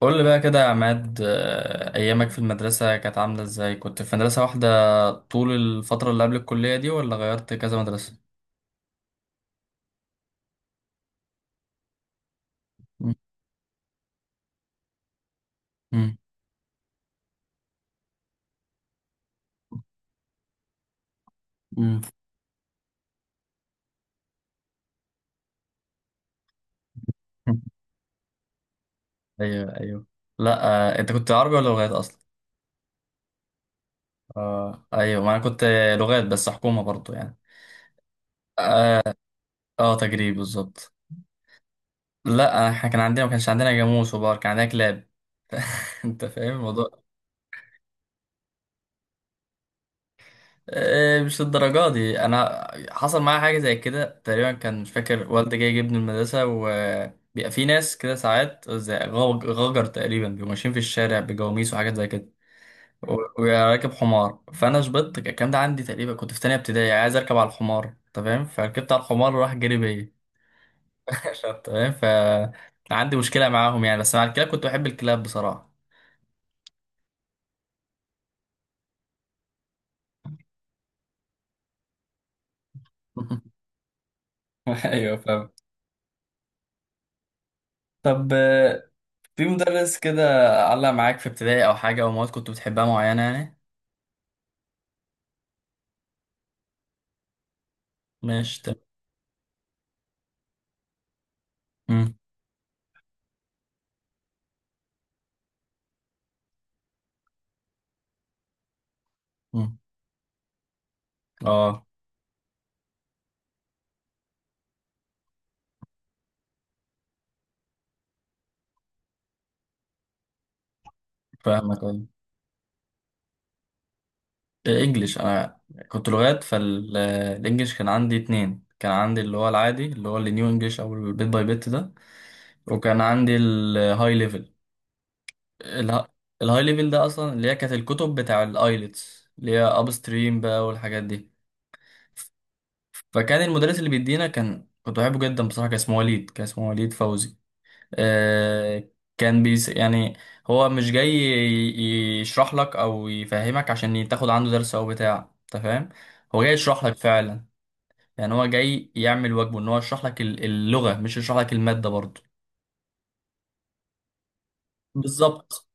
قول لي بقى كده يا عماد، أيامك في المدرسة كانت عاملة إزاي؟ كنت في مدرسة واحدة طول الفترة اللي قبل الكلية دي ولا غيرت كذا مدرسة؟ مم. امم أيوه، أيوه. لا. أنت كنت عربي ولا لغات أصلا؟ آه أيوه، ما أنا كنت لغات بس حكومة برضو يعني. أه. آه، تجريب بالظبط. لا إحنا كان عندنا، ما كانش عندنا جاموس وبار، كان عندنا كلاب. أنت فاهم الموضوع. إيه، مش للدرجة دي. انا حصل معايا حاجه زي كده تقريبا، كان مش فاكر والدي جاي يجيبني المدرسه، وبيبقى في ناس كده ساعات زي غجر تقريبا بيبقوا ماشيين في الشارع بجواميس وحاجات زي كده وراكب حمار، فانا شبطت الكلام ده عندي تقريبا، كنت في تانية ابتدائي عايز اركب على الحمار، انت فاهم، فركبت على الحمار وراح جري بيا. أنت فاهم، ف عندي مشكله معاهم يعني، بس مع الكلاب كنت بحب الكلاب بصراحه. ايوه فاهم. طب في مدرس كده علق معاك في ابتدائي او حاجه، او مواد كنت بتحبها معينه يعني. مش تمام. مم، مم. اه فاهمك، أيوة. الانجليش انا كنت لغات، فالانجليش كان عندي اتنين، كان عندي اللي هو العادي اللي هو النيو انجليش او البيت باي بيت ده، وكان عندي الهاي ليفل. الهاي ليفل ده اصلا اللي هي كانت الكتب بتاع الايلتس، اللي هي اب ستريم بقى والحاجات دي. فكان المدرس اللي بيدينا كان، كنت بحبه جدا بصراحه، كان اسمه وليد، كان اسمه وليد فوزي. آه، كان بيس يعني، هو مش جاي يشرح لك او يفهمك عشان تاخد عنده درس او بتاع، انت فاهم، هو جاي يشرح لك فعلا. يعني هو جاي يعمل واجبه ان هو يشرح لك اللغة، مش يشرح لك المادة برضه. بالظبط.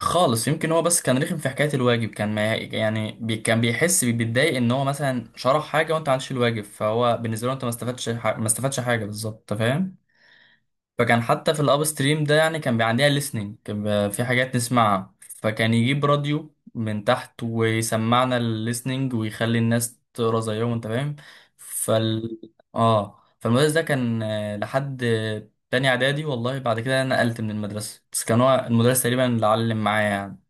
خالص، يمكن هو بس كان رخم في حكاية الواجب، كان ما يعني بي، كان بيحس بيتضايق ان هو مثلا شرح حاجة وانت ما عملتش الواجب، فهو بالنسبة له انت ما استفدتش ما استفدتش حاجة بالظبط، انت فاهم. فكان حتى في الاب ستريم ده يعني، كان بيبقى عندنا listening، كان بيبقى في حاجات نسمعها، فكان يجيب راديو من تحت ويسمعنا الليسننج ويخلي الناس تقرا زيهم، انت فاهم. فال، اه فالمدرس ده كان، لحد تاني اعدادي والله، بعد كده انا نقلت من المدرسه، بس كان هو المدرس تقريبا اللي علم معايا يعني.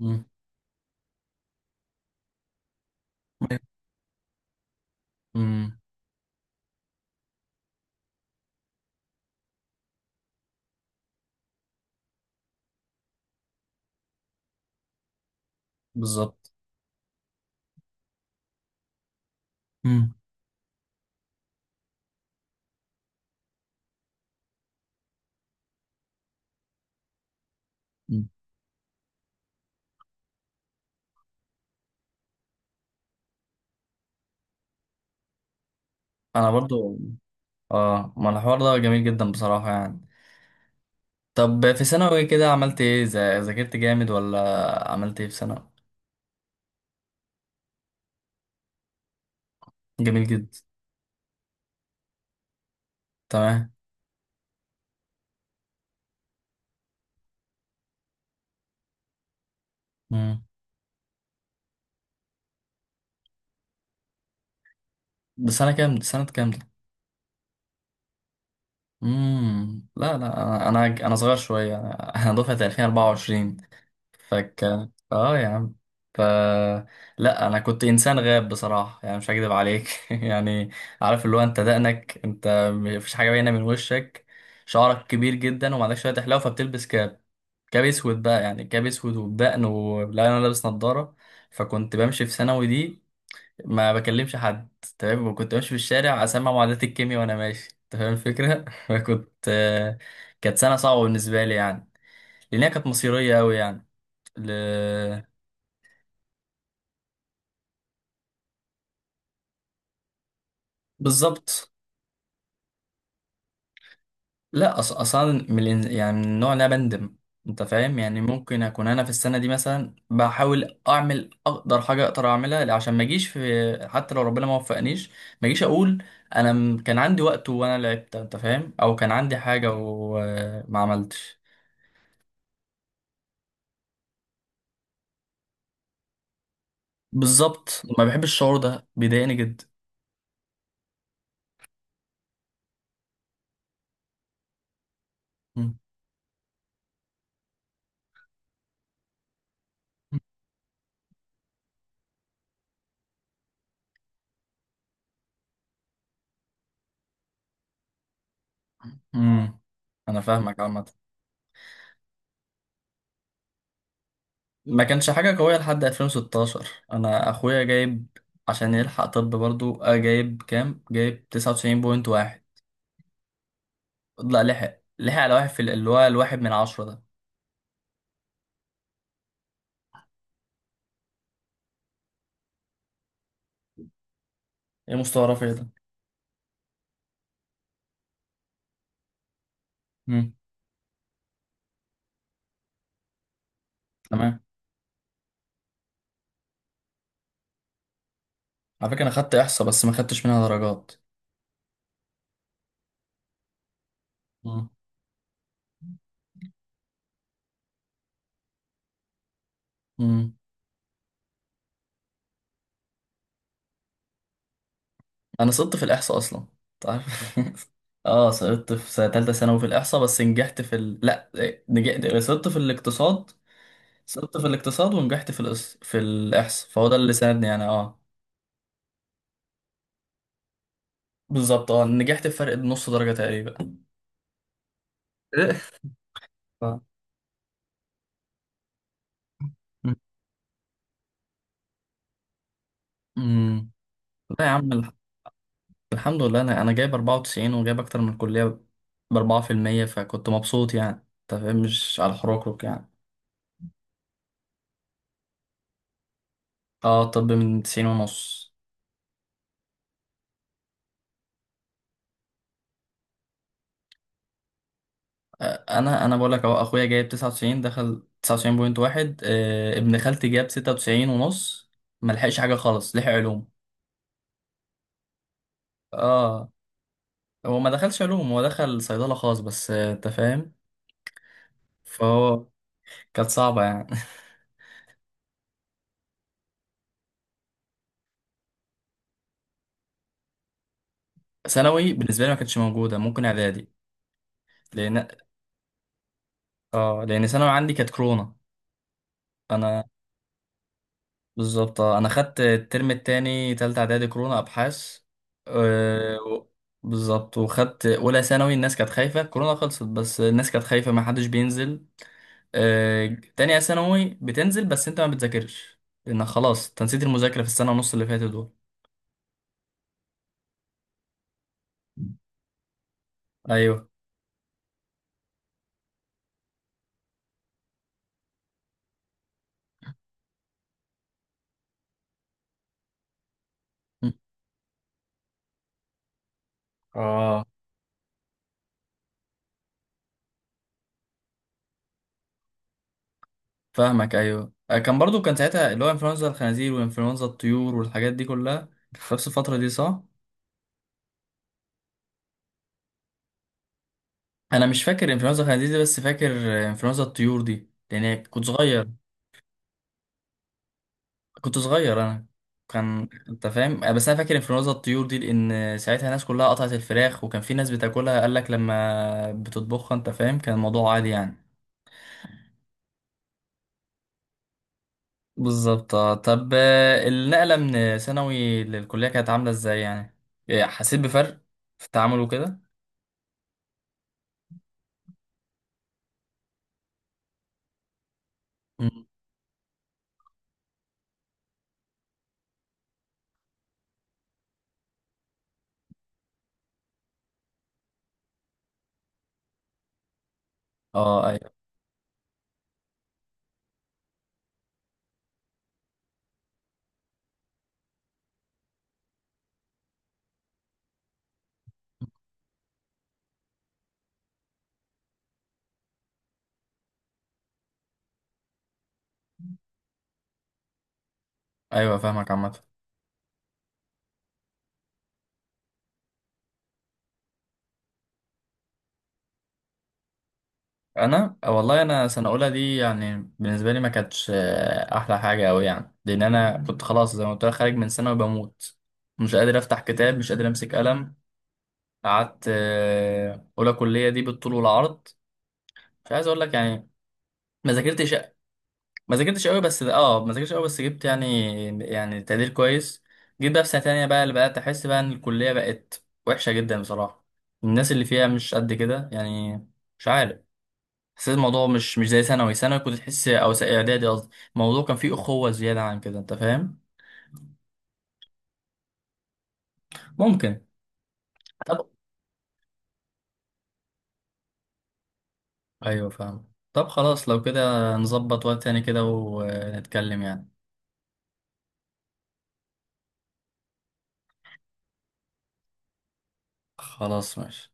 امم امم بالظبط. امم انا برضو. اه، ما الحوار ده جميل جدا بصراحه يعني. طب في ثانوي كده عملت ايه، ذاكرت جامد ولا عملت ايه في ثانوي؟ جميل جدا. تمام. امم ده سنة كام ده، سنة كام ده؟ لا، لا، انا صغير شوية، انا أنا دفعة 2024. فك، اه يا عم، ف لا انا كنت انسان غاب بصراحه، يعني مش هكذب عليك يعني، عارف اللي هو انت دقنك، انت مفيش حاجه باينه من وشك، شعرك كبير جدا وما عندكش شويه حلاوه، فبتلبس كاب، كاب اسود بقى، يعني كاب اسود وبدقن، ولا انا لابس نظاره. فكنت بمشي في ثانوي دي ما بكلمش حد، تمام، وكنت بمشي في الشارع اسمع معادلات الكيمياء وانا ماشي، انت فاهم الفكره. فكنت، كانت سنه صعبه بالنسبه لي يعني، لانها كانت مصيريه قوي يعني. ل... بالظبط. لا اصلا من يعني من النوع اللي انا بندم، انت فاهم يعني، ممكن اكون انا في السنه دي مثلا بحاول اعمل اقدر حاجه اقدر اعملها عشان ما اجيش، في حتى لو ربنا ما وفقنيش ما اجيش اقول انا، كان عندي وقت وانا لعبت انت فاهم، او كان عندي حاجه وما عملتش. بالظبط، ما بحبش الشعور ده، بيضايقني جدا. مم. مم. انا فاهمك عامه. ما كانش حاجة قوية لحد 2016، أنا أخويا جايب عشان يلحق طب برضو، جايب كام؟ جايب 99.1. لا لحق، لحق على واحد في اللي هو الواحد من عشرة ده. إيه مستوى رفيع ده؟ مم. تمام. على فكرة أنا خدت إحصاء بس ما خدتش منها درجات. مم. مم. أنا سقطت في الإحصاء أصلا، تعرف. آه سقطت في سنة تالتة ثانوي في الإحصاء، بس نجحت في ال... لا إيه، نجحت، سقطت في الاقتصاد. سقطت في الاقتصاد ونجحت في في الإحصاء، فهو ده اللي ساعدني أنا. آه بالظبط، اه نجحت بفرق نص درجة تقريبا. إيه؟ ف... امم لا يا عم، الحمد لله انا، انا جايب 94 وجايب اكتر من الكلية ب 4%، فكنت مبسوط يعني، انت فاهم، مش على الحروك يعني. اه، طب من 90 ونص. انا بقول لك اهو، اخويا جايب 99 دخل 99.1، ابن خالتي جاب 96 ونص، ما لحقش حاجة خالص، لحق علوم. اه، هو ما دخلش علوم، هو دخل صيدلة خاص بس، انت فاهم. فهو كانت صعبة يعني. ثانوي بالنسبه لي ما كانتش موجوده، ممكن اعدادي، لان، اه لان ثانوي عندي كانت كورونا. انا بالظبط، انا خدت الترم التاني تالتة اعدادي كورونا ابحاث، آه، و- بالظبط، وخدت اولى ثانوي الناس كانت خايفه، كورونا خلصت بس الناس كانت خايفه، ما حدش بينزل. آه، تانية ثانوي بتنزل بس انت ما بتذاكرش، لان خلاص انت نسيت المذاكره في السنه ونص اللي فاتت دول. ايوه، اه فاهمك ايوه. كان برضو كان ساعتها اللي هو انفلونزا الخنازير وانفلونزا الطيور والحاجات دي كلها في نفس الفتره دي، صح؟ انا مش فاكر انفلونزا الخنازير دي، بس فاكر انفلونزا الطيور دي لان كنت صغير. كنت صغير انا، كان انت فاهم، بس انا فاكر انفلونزا الطيور دي، لان ساعتها الناس كلها قطعت الفراخ، وكان في ناس بتاكلها، قال لك لما بتطبخها انت فاهم، كان الموضوع عادي يعني. بالظبط. آه. طب، النقله من ثانوي للكليه كانت عامله ازاي يعني، حسيت بفرق في التعامل وكده؟ مم. اه أيوه. ايوه فاهمك عامه. انا والله، انا سنه اولى دي يعني بالنسبه لي ما كانتش احلى حاجه قوي يعني، لان انا كنت خلاص زي ما قلت لك خارج من سنه وبموت، مش قادر افتح كتاب مش قادر امسك قلم. قعدت اولى كليه دي بالطول والعرض، مش عايز اقول لك يعني ما ذاكرتش. ما ذاكرتش قوي بس اه ما ذاكرتش قوي، بس جبت يعني، يعني تقدير كويس. جيت بقى في سنه تانية بقى اللي بقى احس بقى ان الكليه بقت وحشه جدا بصراحه، الناس اللي فيها مش قد كده يعني، مش عارف، حسيت الموضوع مش زي ثانوي، ثانوي كنت تحس، او اعدادي قصدي، الموضوع كان فيه اخوه زياده عن كده، انت فاهم. ممكن. طب ايوه فاهم، طب خلاص لو كده نظبط وقت تاني كده ونتكلم يعني. خلاص ماشي.